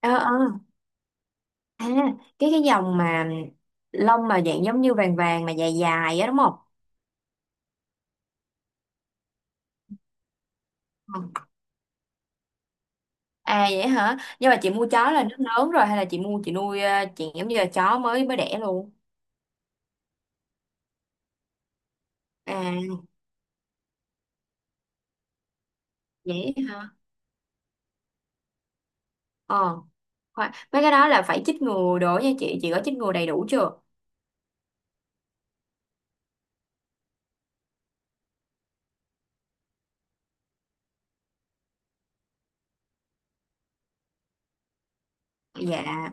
ờ ờ à cái dòng mà lông mà dạng giống như vàng vàng mà dài dài á, đúng không? Ừ. À, vậy hả? Nhưng mà chị mua chó là nó lớn rồi hay là chị nuôi, chị, giống như là chó mới mới đẻ luôn? À vậy hả. ờ Khoan, mấy cái đó là phải chích ngừa đồ nha, chị có chích ngừa đầy đủ chưa? Dạ,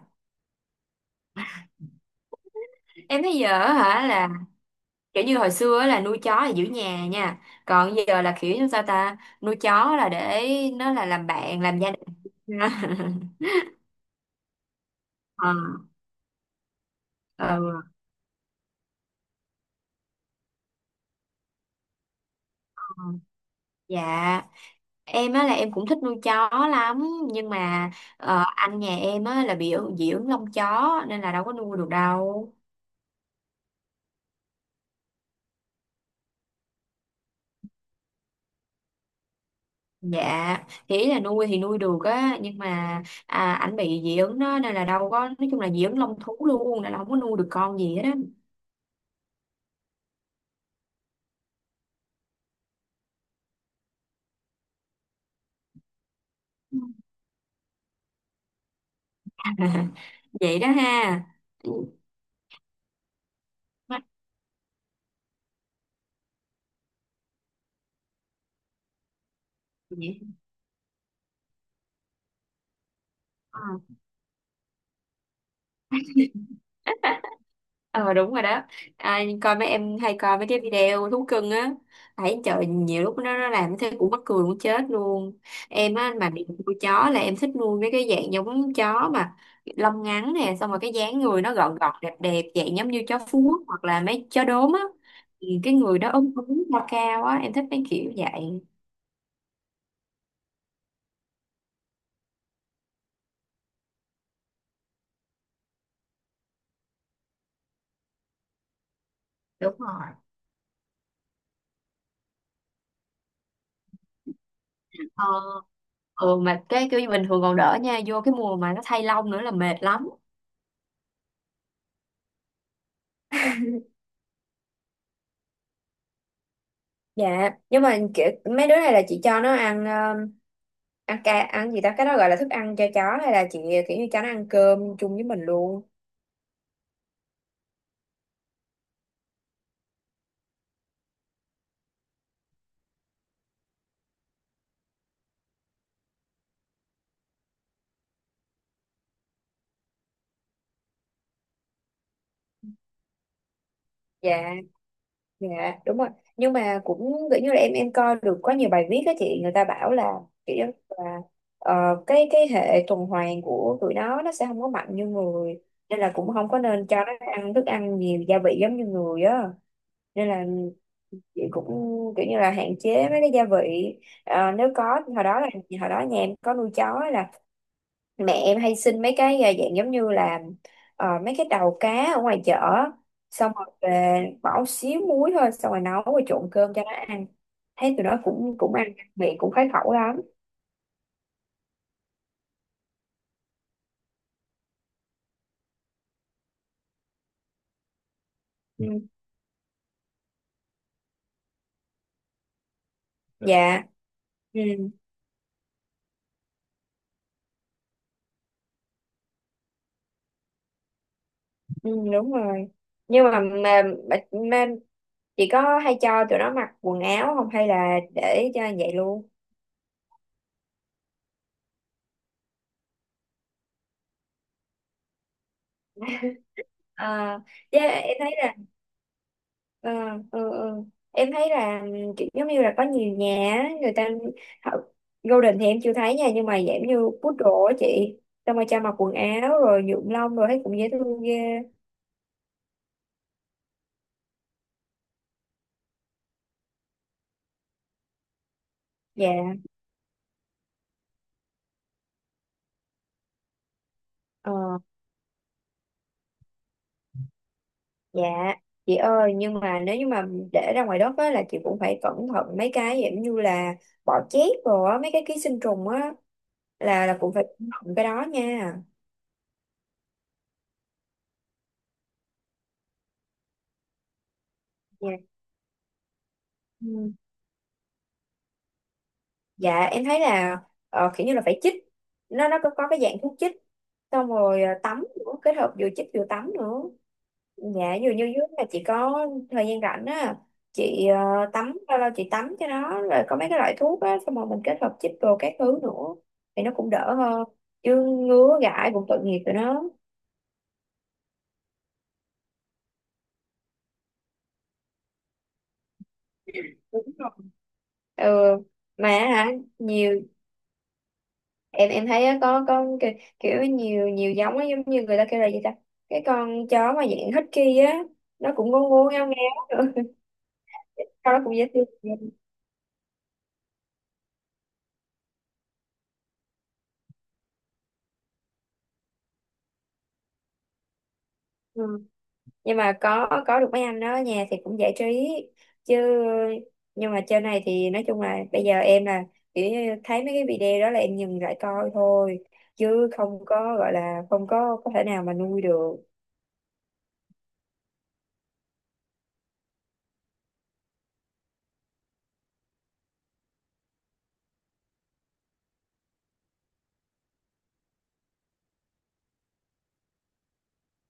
em thấy giờ á hả là kiểu như hồi xưa á là nuôi chó là giữ nhà nha, còn giờ là kiểu như sao ta, nuôi chó là để nó là làm bạn, làm gia đình. Ờ, ừ. Dạ, em á là em cũng thích nuôi chó lắm, nhưng mà anh nhà em á là bị dị ứng lông chó nên là đâu có nuôi được đâu. Dạ, thì ý là nuôi thì nuôi được á, nhưng mà anh bị dị ứng đó nên là đâu có, nói chung là dị ứng lông thú luôn nên là không có nuôi được con gì hết á. Vậy đó ha. Ừ. Dạ. Ờ đúng rồi đó. Coi mấy, em hay coi mấy cái video thú cưng á, thấy trời nhiều lúc nó làm thế cũng mắc cười muốn chết luôn. Em á mà bị nuôi chó là em thích nuôi mấy cái dạng giống chó mà lông ngắn nè, xong rồi cái dáng người nó gọn gọt đẹp đẹp, dạng giống như chó Phú Quốc hoặc là mấy chó đốm á. Thì cái người đó ốm ốm cao cao á, em thích mấy kiểu vậy. Đúng rồi. ờ ừ, mà cái kiểu như bình thường còn đỡ nha, vô cái mùa mà nó thay lông nữa là mệt lắm. Dạ, nhưng mà kiểu mấy đứa này là chị cho nó ăn ăn ca, ăn gì ta, cái đó gọi là thức ăn cho chó hay là chị kiểu như cho nó ăn cơm chung với mình luôn? Dạ. Dạ đúng rồi, nhưng mà cũng kiểu như là em coi được có nhiều bài viết á chị, người ta bảo là kiểu như là ờ, cái hệ tuần hoàn của tụi nó sẽ không có mạnh như người, nên là cũng không có nên cho nó ăn thức ăn nhiều gia vị giống như người á, nên là chị cũng kiểu như là hạn chế mấy cái gia vị. Ờ, nếu có hồi đó là, hồi đó nhà em có nuôi chó là mẹ em hay xin mấy cái dạng giống như là mấy cái đầu cá ở ngoài chợ, xong rồi về bỏ xíu muối thôi, xong rồi nấu rồi trộn cơm cho nó ăn, thấy tụi nó cũng cũng ăn miệng, cũng khoái khẩu lắm. Ừ. Dạ. Dạ. Ừ. Ừ, đúng rồi. Nhưng mà, mà chị có hay cho tụi nó mặc quần áo không hay là để cho vậy luôn? à, với em thấy là. Ờ, ừ, ừ. Em thấy là kiểu giống như là có nhiều nhà á, người ta họ, Golden thì em chưa thấy nha, nhưng mà dạng như poodle á chị, xong rồi cho mặc quần áo rồi nhuộm lông, rồi thấy cũng dễ thương ghê. Dạ. ờ, dạ, chị ơi, nhưng mà nếu như mà để ra ngoài đất á là chị cũng phải cẩn thận mấy cái dạng như là bọ chét rồi á, mấy cái ký sinh trùng á, là cũng phải cẩn thận cái đó nha. Dạ. Dạ em thấy là kiểu như là phải chích, nó có cái dạng thuốc chích, xong rồi tắm nữa, kết hợp vừa chích vừa tắm nữa. Dạ, dường như dưới là chị có thời gian rảnh á chị, tắm bao lâu chị tắm cho nó, rồi có mấy cái loại thuốc á, xong rồi mình kết hợp chích đồ các thứ nữa thì nó cũng đỡ hơn, chứ ngứa gãi cũng tội nghiệp tụi nó. Ừ. Mà hả, nhiều, em thấy á, có kiểu, kiểu nhiều nhiều giống á, giống như người ta kêu là gì ta, cái con chó mà dạng husky á, nó cũng ngu ngu ngao ngao nữa. Con nó cũng dễ thương. Ừ. Nhưng mà có được mấy anh đó ở nhà thì cũng giải trí chứ. Nhưng mà trên này thì nói chung là bây giờ em là kiểu như thấy mấy cái video đó là em dừng lại coi thôi, chứ không có gọi là không có có thể nào mà nuôi được.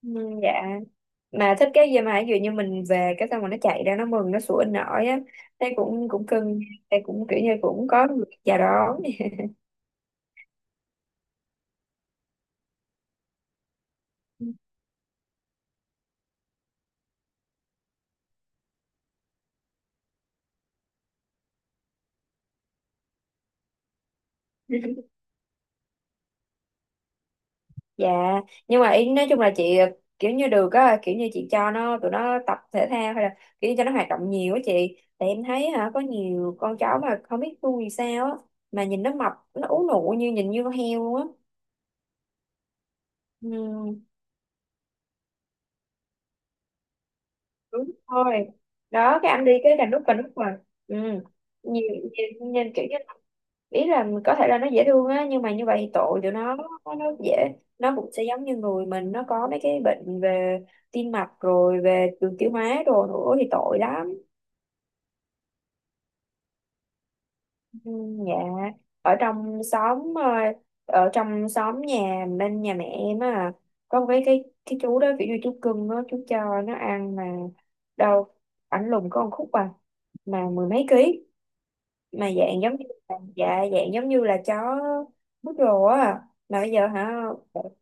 Ừ, dạ, mà thích cái gì mà ví dụ như mình về cái xong rồi nó chạy ra, nó mừng nó sủa nổi á, thấy cũng cũng cưng, thấy cũng kiểu như cũng có người chào đón. Dạ, nhưng mà ý nói chung là chị kiểu như được á, kiểu như chị cho nó, tụi nó tập thể thao hay là kiểu như cho nó hoạt động nhiều á chị, tại em thấy hả có nhiều con chó mà không biết vui vì sao á, mà nhìn nó mập, nó ú nụ như nhìn như con heo luôn á. Ừ. Đúng rồi đó, cái anh đi cái là nút và nút mà. Ừ nhiều, nhìn kiểu như là- ý là có thể là nó dễ thương á, nhưng mà như vậy thì tội tụi nó, nó dễ, nó cũng sẽ giống như người mình, nó có mấy cái bệnh về tim mạch rồi về đường tiêu hóa đồ nữa thì tội lắm. Ừ, dạ, ở trong xóm ờ, ở trong xóm nhà bên nhà mẹ em á, có một cái chú đó kiểu như chú cưng á, chú cho nó ăn mà đâu, ảnh lùn có một khúc à mà mười mấy ký, mà dạng giống như là, dạ dạng giống như là chó bút rồ á. À, mà bây giờ hả,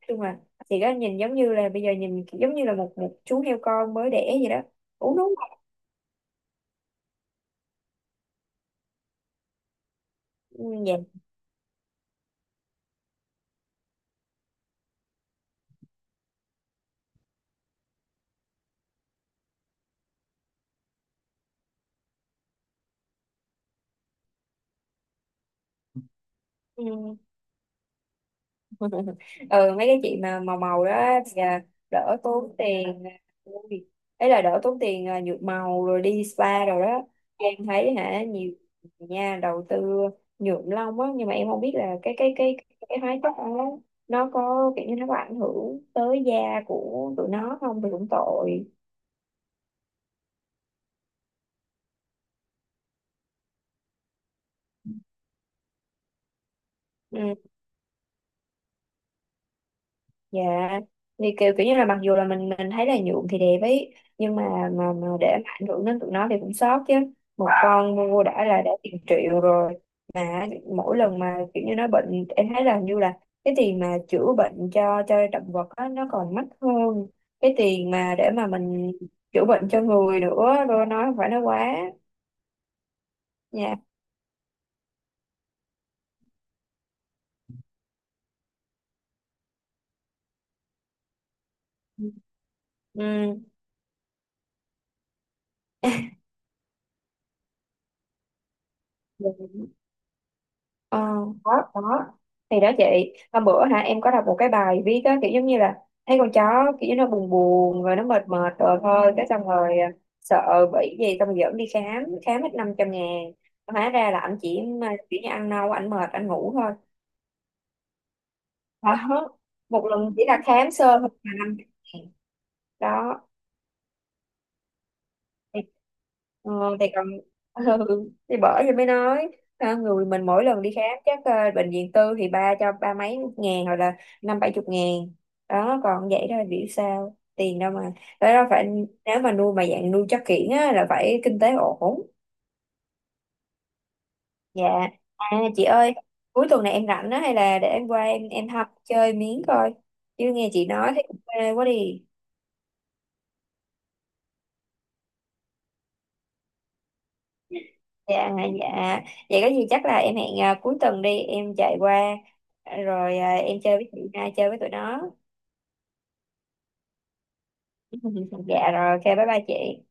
khi mà thì có nhìn giống như là, bây giờ nhìn giống như là một một chú heo con mới đẻ vậy đó, uống đúng không? Ừ, dạ. Ừ. Ừ mấy cái chị mà màu màu đó thì đỡ tốn tiền ui, ấy là đỡ tốn tiền nhuộm màu rồi đi spa rồi đó. Em thấy hả nhiều người nha, đầu tư nhuộm lông á, nhưng mà em không biết là cái hóa chất đó nó có kiểu như nó có ảnh hưởng tới da của tụi nó không thì cũng tội. Ừ. Dạ, thì kiểu kiểu như là mặc dù là mình thấy là nhuộm thì đẹp ấy, nhưng mà để mà ảnh hưởng đến tụi nó thì cũng sót chứ. Một con mua đã là đã tiền triệu rồi, mà mỗi lần mà kiểu như nó bệnh em thấy là hình như là cái tiền mà chữa bệnh cho động vật á nó còn mắc hơn cái tiền mà để mà mình chữa bệnh cho người nữa, rồi nói phải nó quá. Dạ. Ừ. Ờ, đó, đó. Thì đó chị, hôm bữa hả em có đọc một cái bài viết á, kiểu giống như là thấy con chó kiểu như nó buồn buồn rồi nó mệt mệt rồi thôi cái xong rồi sợ bị gì xong rồi dẫn đi khám, khám hết 500.000, hóa ra là anh chỉ mà kiểu như ăn nâu, anh mệt anh ngủ thôi. Đó, một lần chỉ là khám sơ thôi mà 500.000. Đó thì, ờ, thì còn ừ, thì bởi thì mới nói ha, người mình mỗi lần đi khám chắc bệnh viện tư thì ba cho ba mấy ngàn hoặc là năm bảy chục ngàn, đó còn vậy đó là biểu sao tiền đâu mà, đó là phải nếu mà nuôi mà dạng nuôi chắc kiển á là phải kinh tế ổn. Dạ. Chị ơi, cuối tuần này em rảnh á, hay là để em qua, em học chơi miếng coi, chứ nghe chị nói thấy cũng mê quá đi. Dạ. Dạ vậy có gì chắc là em hẹn cuối tuần đi, em chạy qua rồi em chơi với chị hai, chơi với tụi nó. Dạ rồi, ok, bye bye chị.